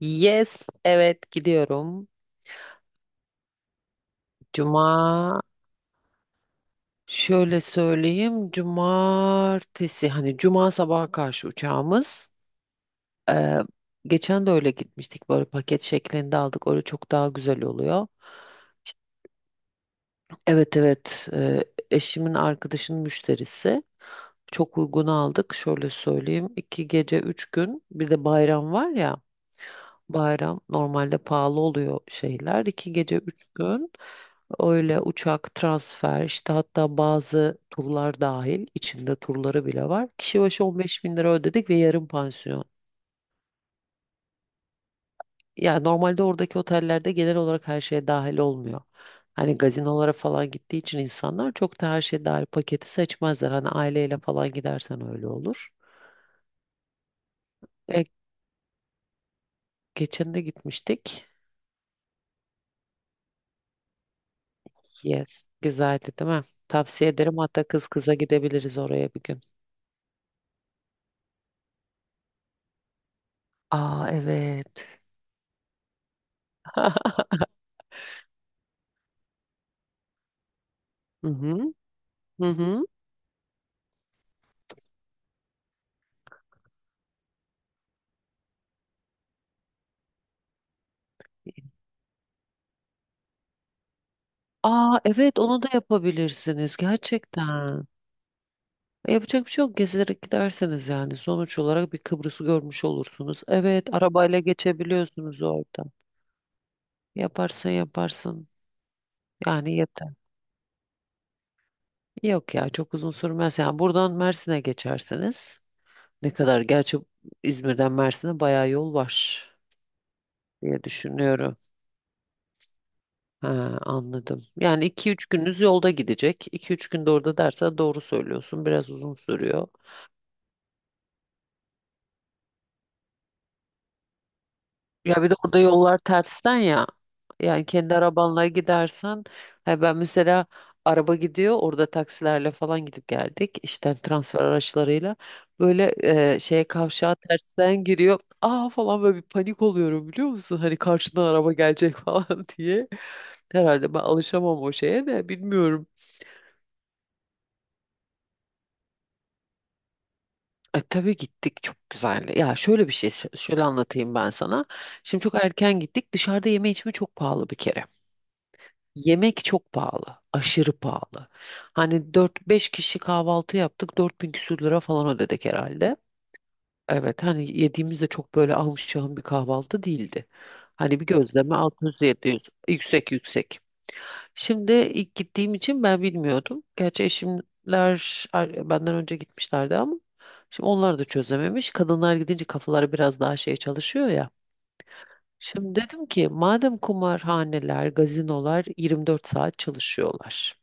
Yes, evet gidiyorum. Cuma Şöyle söyleyeyim. Cumartesi hani cuma sabaha karşı uçağımız. Ee, Geçen de öyle gitmiştik. Böyle paket şeklinde aldık. Öyle çok daha güzel oluyor. İşte, evet evet, eşimin arkadaşının müşterisi. Çok uygun aldık. Şöyle söyleyeyim. İki gece üç gün. Bir de bayram var ya. Bayram normalde pahalı oluyor şeyler. İki gece üç gün, öyle uçak, transfer, işte hatta bazı turlar dahil, içinde turları bile var. Kişi başı 15.000 lira ödedik ve yarım pansiyon. Yani normalde oradaki otellerde genel olarak her şeye dahil olmuyor. Hani gazinolara falan gittiği için insanlar çok da her şey dahil paketi seçmezler. Hani aileyle falan gidersen öyle olur. E, Geçen de gitmiştik. Yes. Güzeldi değil mi? Tavsiye ederim. Hatta kız kıza gidebiliriz oraya bir gün. Aa evet. Hı hı. Hı hı. Aa evet, onu da yapabilirsiniz gerçekten. Yapacak bir şey yok. Gezerek giderseniz yani. Sonuç olarak bir Kıbrıs'ı görmüş olursunuz. Evet, arabayla geçebiliyorsunuz orada. Yaparsın yaparsın. Yani yeter. Yok ya, çok uzun sürmez. Yani buradan Mersin'e geçerseniz. Ne kadar gerçi, İzmir'den Mersin'e bayağı yol var diye düşünüyorum. He, anladım. Yani 2-3 gününüz yolda gidecek. 2 üç günde orada dersen doğru söylüyorsun. Biraz uzun sürüyor. Ya bir de orada yollar tersten ya. Yani kendi arabanla gidersen, he ben mesela, araba gidiyor orada, taksilerle falan gidip geldik. İşte transfer araçlarıyla böyle şeye, kavşağa tersten giriyor. Aa falan, böyle bir panik oluyorum biliyor musun? Hani karşıdan araba gelecek falan diye. Herhalde ben alışamam o şeye de, bilmiyorum. E, tabii gittik, çok güzeldi. Ya şöyle bir şey, şöyle anlatayım ben sana. Şimdi çok erken gittik. Dışarıda yeme içme çok pahalı bir kere. Yemek çok pahalı. Aşırı pahalı. Hani dört beş kişi kahvaltı yaptık. 4.000 küsür lira falan ödedik herhalde. Evet, hani yediğimizde çok böyle ahım şahım bir kahvaltı değildi. Hani bir gözleme 600-700, yüksek yüksek. Şimdi ilk gittiğim için ben bilmiyordum. Gerçi eşimler, benden önce gitmişlerdi ama şimdi onlar da çözememiş. Kadınlar gidince kafaları biraz daha şey çalışıyor ya. Şimdi dedim ki, madem kumarhaneler, gazinolar 24 saat çalışıyorlar,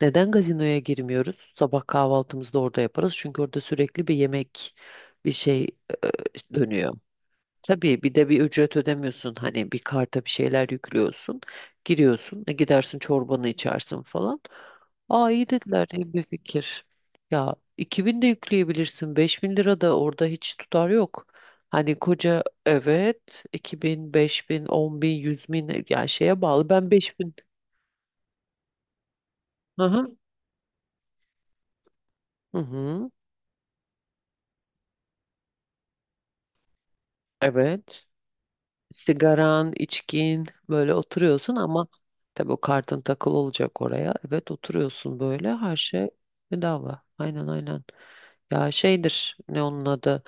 neden gazinoya girmiyoruz? Sabah kahvaltımızı da orada yaparız. Çünkü orada sürekli bir yemek, bir şey dönüyor. Tabii, bir de bir ücret ödemiyorsun, hani bir karta bir şeyler yüklüyorsun, giriyorsun, gidersin çorbanı içersin falan. Aa, iyi dediler, iyi bir fikir. Ya, 2.000 de yükleyebilirsin, 5.000 lira da, orada hiç tutar yok. Hani koca, evet, 2.000, 5.000, 10.000, 10.000, 100.000, yani şeye bağlı, ben 5.000. Hı hı. Hı hı. Evet. Sigaran, içkin, böyle oturuyorsun, ama tabii o kartın takılı olacak oraya. Evet, oturuyorsun böyle, her şey bedava. Aynen aynen. Ya şeydir, ne onun adı.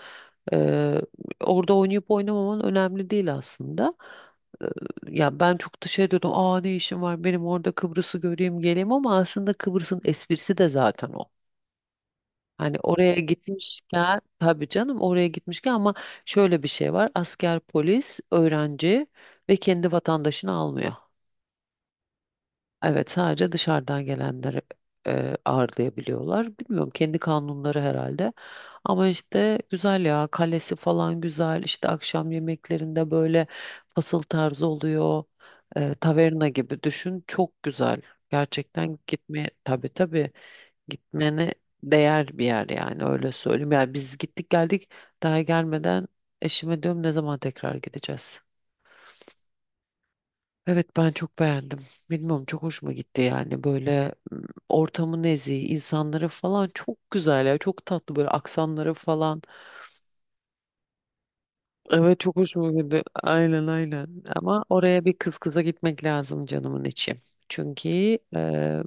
Ee, Orada oynayıp oynamaman önemli değil aslında. Ee, ya ben çok da şey diyordum. Aa, ne işim var benim orada, Kıbrıs'ı göreyim geleyim, ama aslında Kıbrıs'ın esprisi de zaten o. Hani oraya gitmişken, tabii canım, oraya gitmişken, ama şöyle bir şey var. Asker, polis, öğrenci ve kendi vatandaşını almıyor. Evet, sadece dışarıdan gelenleri ağırlayabiliyorlar. Bilmiyorum, kendi kanunları herhalde. Ama işte güzel ya, kalesi falan güzel. İşte akşam yemeklerinde böyle fasıl tarzı oluyor. Taverna gibi düşün. Çok güzel. Gerçekten gitmeye, tabii tabii. Gitmene değer bir yer yani, öyle söyleyeyim. Yani biz gittik geldik, daha gelmeden eşime diyorum, ne zaman tekrar gideceğiz. Evet, ben çok beğendim. Bilmiyorum, çok hoşuma gitti yani, böyle ortamı nezih, insanları falan çok güzel ya, çok tatlı böyle aksanları falan. Evet, çok hoşuma gitti. Aynen aynen. Ama oraya bir kız kıza gitmek lazım canımın içi. Çünkü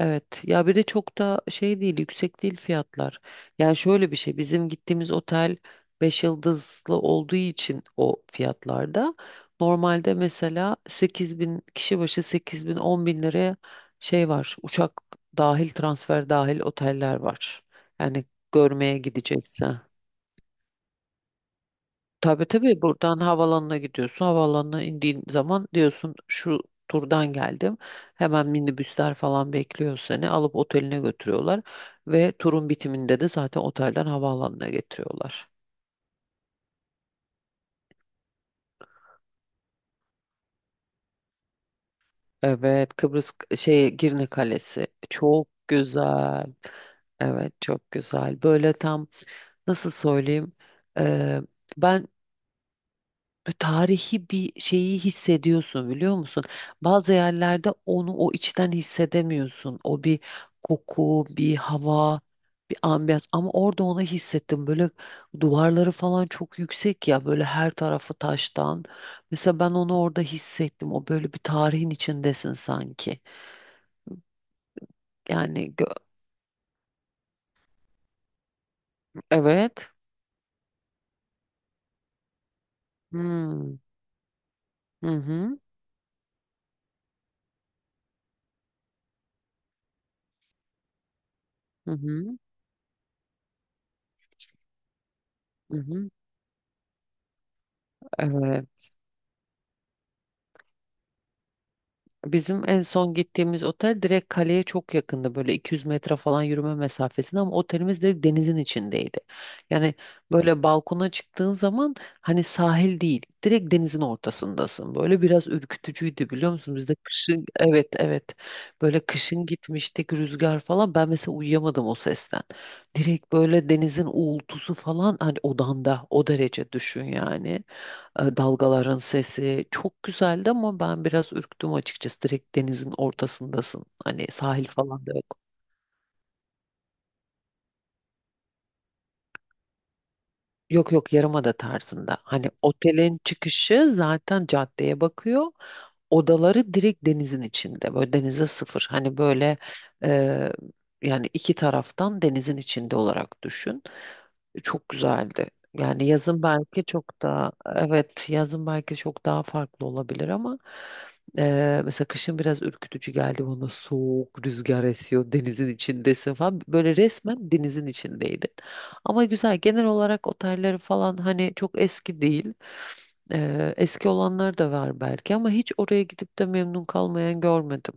Evet, ya bir de çok da şey değil, yüksek değil fiyatlar. Yani şöyle bir şey, bizim gittiğimiz otel 5 yıldızlı olduğu için o fiyatlarda. Normalde mesela 8 bin kişi başı, 8 bin 10 bin liraya, şey var, uçak dahil, transfer dahil oteller var. Yani görmeye gidecekse. Tabii tabii, buradan havaalanına gidiyorsun. Havaalanına indiğin zaman diyorsun şu turdan geldim. Hemen minibüsler falan bekliyor seni. Alıp oteline götürüyorlar. Ve turun bitiminde de zaten otelden havaalanına getiriyorlar. Evet, Kıbrıs şey Girne Kalesi çok güzel. Evet çok güzel. Böyle tam, nasıl söyleyeyim? Eee, ben Böyle tarihi bir şeyi hissediyorsun biliyor musun? Bazı yerlerde onu o içten hissedemiyorsun. O bir koku, bir hava, bir ambiyans, ama orada onu hissettim. Böyle duvarları falan çok yüksek ya, böyle her tarafı taştan. Mesela ben onu orada hissettim. O böyle bir tarihin içindesin sanki. Yani, evet. Hmm. Hı hı. Hı hı. Hı hı. Evet. Bizim en son gittiğimiz otel direkt kaleye çok yakındı. Böyle 200 metre falan yürüme mesafesinde, ama otelimiz direkt denizin içindeydi. Yani böyle balkona çıktığın zaman, hani sahil değil, direkt denizin ortasındasın. Böyle biraz ürkütücüydü biliyor musun? Biz de kışın, evet evet, böyle kışın gitmiştik, rüzgar falan, ben mesela uyuyamadım o sesten. Direkt böyle denizin uğultusu falan, hani odanda, o derece düşün yani. Dalgaların sesi çok güzeldi ama ben biraz ürktüm açıkçası. Direkt denizin ortasındasın. Hani sahil falan da yok. Yok yok, yarımada tarzında. Hani otelin çıkışı zaten caddeye bakıyor. Odaları direkt denizin içinde. Böyle denize sıfır. Hani böyle e, yani iki taraftan denizin içinde olarak düşün. Çok güzeldi. Yani yazın belki çok daha, evet, yazın belki çok daha farklı olabilir, ama mesela kışın biraz ürkütücü geldi bana, soğuk rüzgar esiyor, denizin içindesin falan, böyle resmen denizin içindeydi. Ama güzel. Genel olarak otelleri falan hani çok eski değil. Eski olanlar da var belki ama hiç oraya gidip de memnun kalmayan görmedim.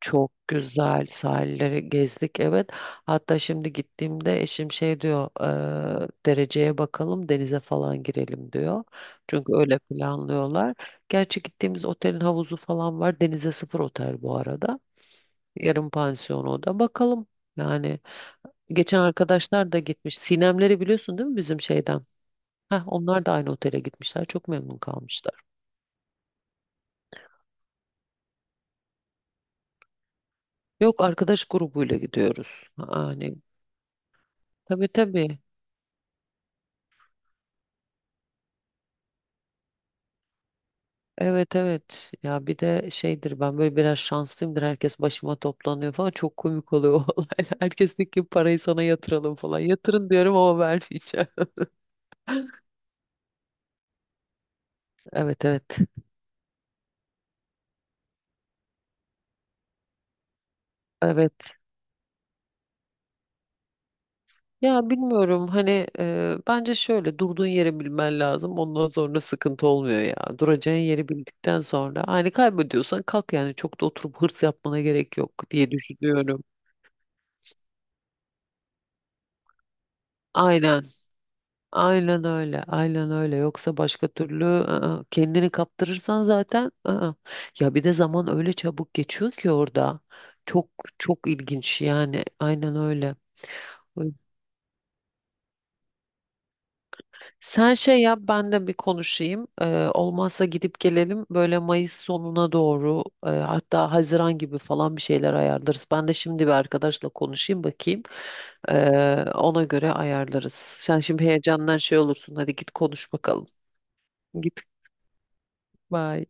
Çok güzel sahilleri gezdik, evet. Hatta şimdi gittiğimde eşim şey diyor: Dereceye bakalım, denize falan girelim" diyor. Çünkü öyle planlıyorlar. Gerçi gittiğimiz otelin havuzu falan var. Denize sıfır otel bu arada. Yarım pansiyon o da. Bakalım yani. Geçen arkadaşlar da gitmiş. Sinemleri biliyorsun değil mi bizim şeyden? Heh, onlar da aynı otele gitmişler. Çok memnun kalmışlar. Yok, arkadaş grubuyla gidiyoruz. Yani tabii tabii. Evet evet. Ya bir de şeydir, ben böyle biraz şanslıyımdır. Herkes başıma toplanıyor falan. Çok komik oluyor o olaylar. Herkes diyor ki parayı sana yatıralım falan. Yatırın diyorum ama vermeyeceğim. Evet evet. Evet. Ya bilmiyorum hani, bence şöyle, durduğun yeri bilmen lazım. Ondan sonra sıkıntı olmuyor ya. Duracağın yeri bildikten sonra hani kaybediyorsan kalk, yani çok da oturup hırs yapmana gerek yok diye düşünüyorum. Aynen. Aynen öyle. Aynen öyle. Yoksa başka türlü ı-ı, kendini kaptırırsan zaten ı-ı. Ya bir de zaman öyle çabuk geçiyor ki orada. Çok çok ilginç yani. Aynen öyle. Sen şey yap, ben de bir konuşayım. Olmazsa gidip gelelim, böyle Mayıs sonuna doğru, hatta Haziran gibi falan bir şeyler ayarlarız. Ben de şimdi bir arkadaşla konuşayım, bakayım. Ona göre ayarlarız. Sen şimdi heyecandan şey olursun. Hadi git konuş bakalım. Git. Bye.